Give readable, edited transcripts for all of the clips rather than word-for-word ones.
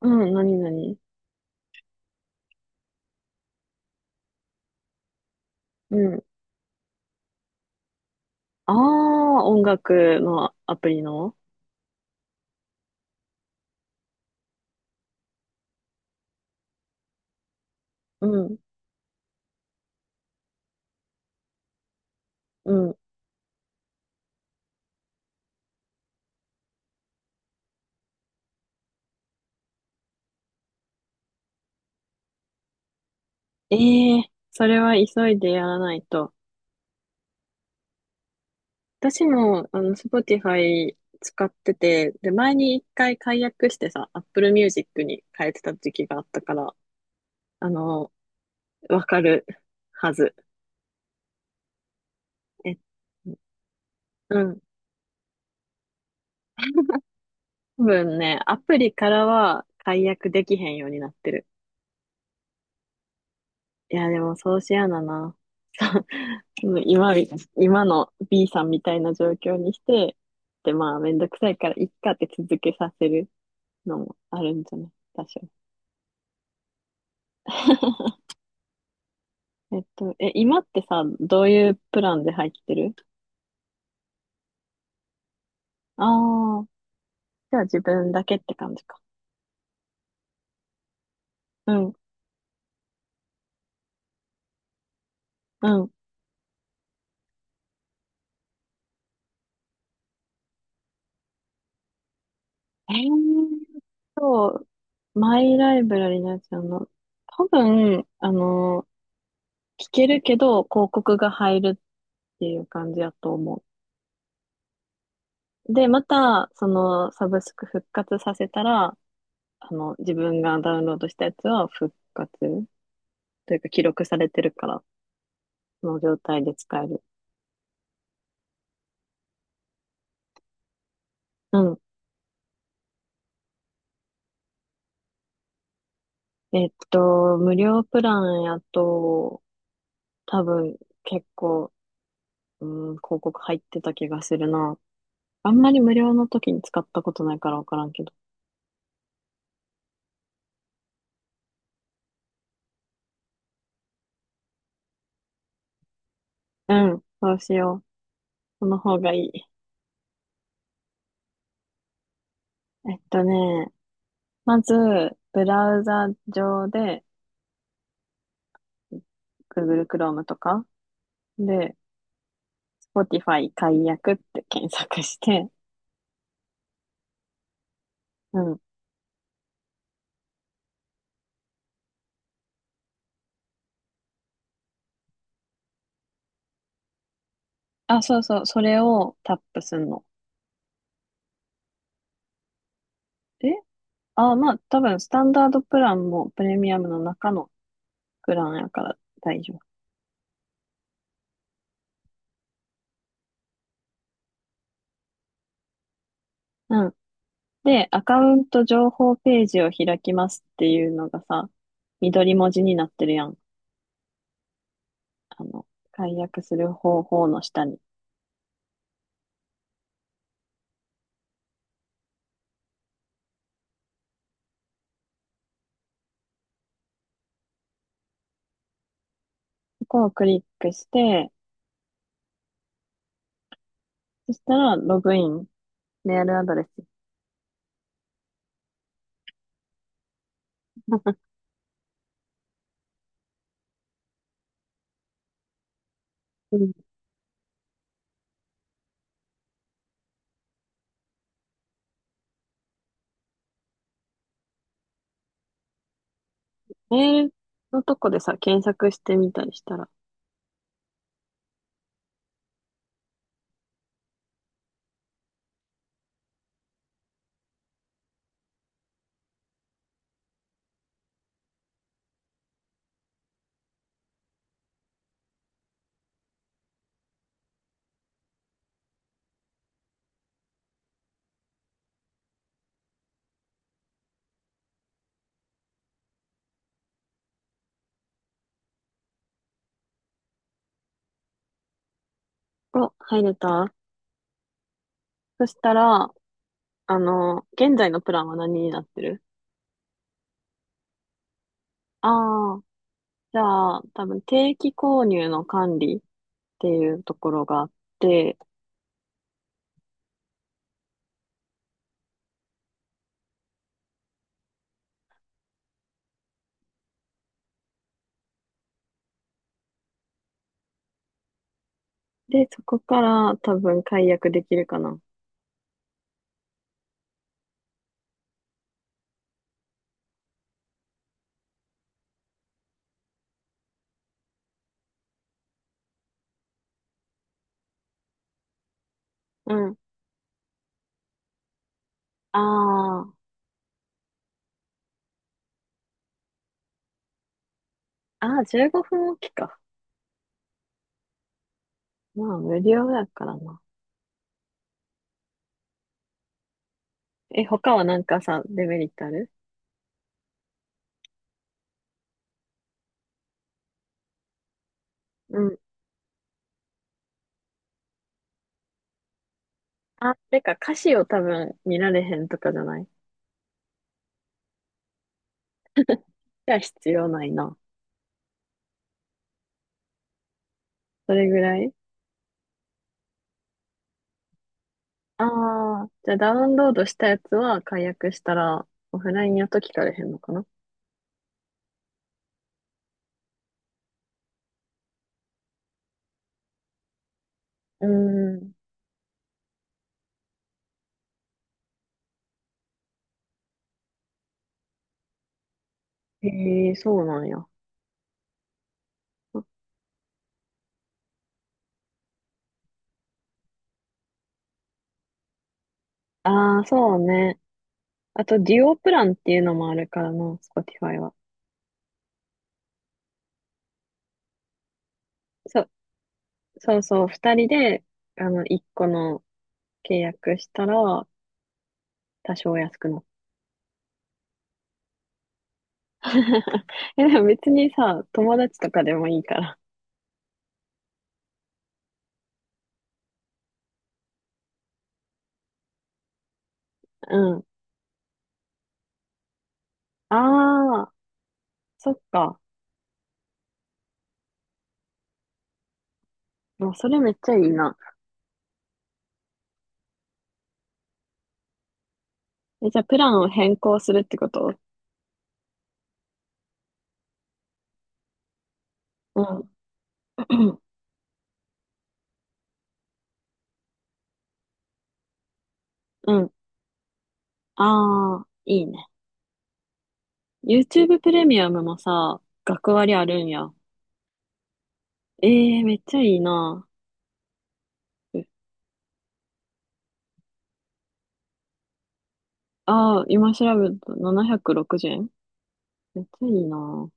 うん、なになに。うん。ああ、音楽のアプリの。うん、うん。ええ、それは急いでやらないと。私も、Spotify 使ってて、で、前に一回解約してさ、Apple Music に変えてた時期があったから、あの、わかるはず。え、うん。多分ね、アプリからは解約できへんようになってる。いや、でもそうしやだな。うん今み、今の B さんみたいな状況にして、で、まあ、めんどくさいから、いっかって続けさせるのもあるんじゃない多少。今ってさ、どういうプランで入ってる？あ、あー、じゃあ自分だけって感じか。うん、うん。えーと、マイライブラリのやつ多分、聞けるけど、広告が入るっていう感じやと思う。で、また、その、サブスク復活させたら、あの、自分がダウンロードしたやつは復活というか記録されてるから、その状態で使える。うん。えっと、無料プランやと、多分結構、うん、広告入ってた気がするな。あんまり無料の時に使ったことないからわからんけど。うん、そうしよう。その方がいい。えっとね、まず、ブラウザ上で、Google Chrome とかで、Spotify 解約って検索して、うん。あ、そうそう、それをタップすんの。え、あ、まあ、多分、スタンダードプランもプレミアムの中のプランやから大丈夫。うん。で、アカウント情報ページを開きますっていうのがさ、緑文字になってるやん。あの、解約する方法の下に。ここをクリックして、そしたら、ログイン、メールアドレス。うん。メールのとこでさ、検索してみたりしたら？お、入れた。そしたら、あの、現在のプランは何になってる？ああ、じゃあ、多分定期購入の管理っていうところがあって、で、そこから多分解約できるかな。うん。ああ、ああ、15分おきか。まあ、無料だからな。え、他はなんかさ、デメリットある？うん。あ、てか、歌詞を多分見られへんとかじゃない？じゃあ必要ないな。それぐらい。ああー、じゃあダウンロードしたやつは解約したら、オフラインやと聞かれへんのかな？うーん。へえ、そうなんや。ああ、そうね。あと、デュオプランっていうのもあるからな、Spotify は。そ、そうそう、二人で、あの、一個の契約したら、多少安くなった。え、でも別にさ、友達とかでもいいから。うん。ああ、そっか。もうそれめっちゃいいな。え、じゃあ、プランを変更するってこと？うん。うん。ああ、いいね。YouTube プレミアムもさ、学割あるんや。ええー、めっちゃいいな。ああ、今調べると760円。めっちゃいいなぁ。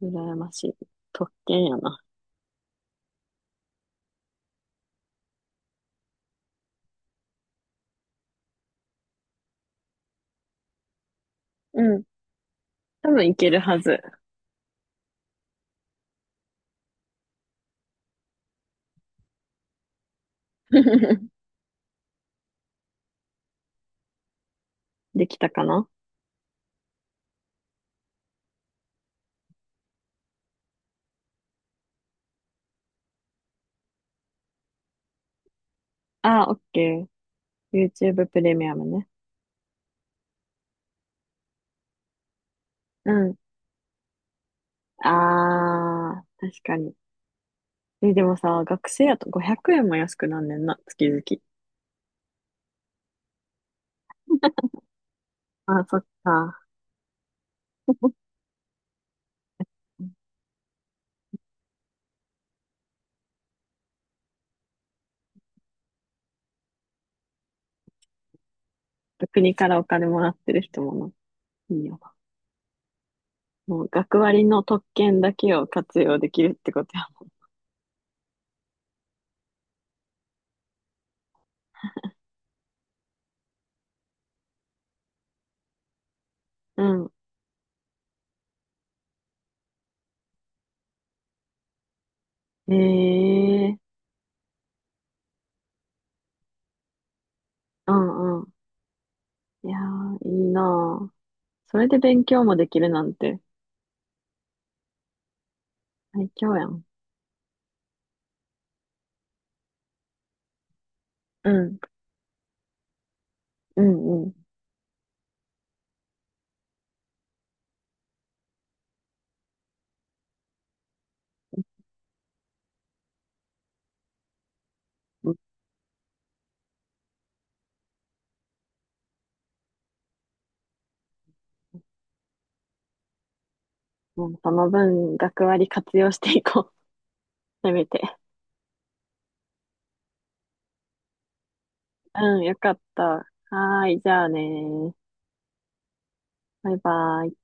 羨ましい。特権やな。うん。多分いけるはず。できたかな？ああ、オッケー。YouTube プレミアムね。うん。ああ、確かに。え、でもさ、学生やと500円も安くなんねんな、月々。ああ、そっか。国からお金もらってる人もな。いいよな。もう学割の特権だけを活用できるってことや。うん。ええ。うんうん。いやー、いいなあ。それで勉強もできるなんて最強やん。うん、うん、うん。うん。もうその分、学割活用していこう。せめて。うん、よかった。はーい、じゃあねー。バイバイ。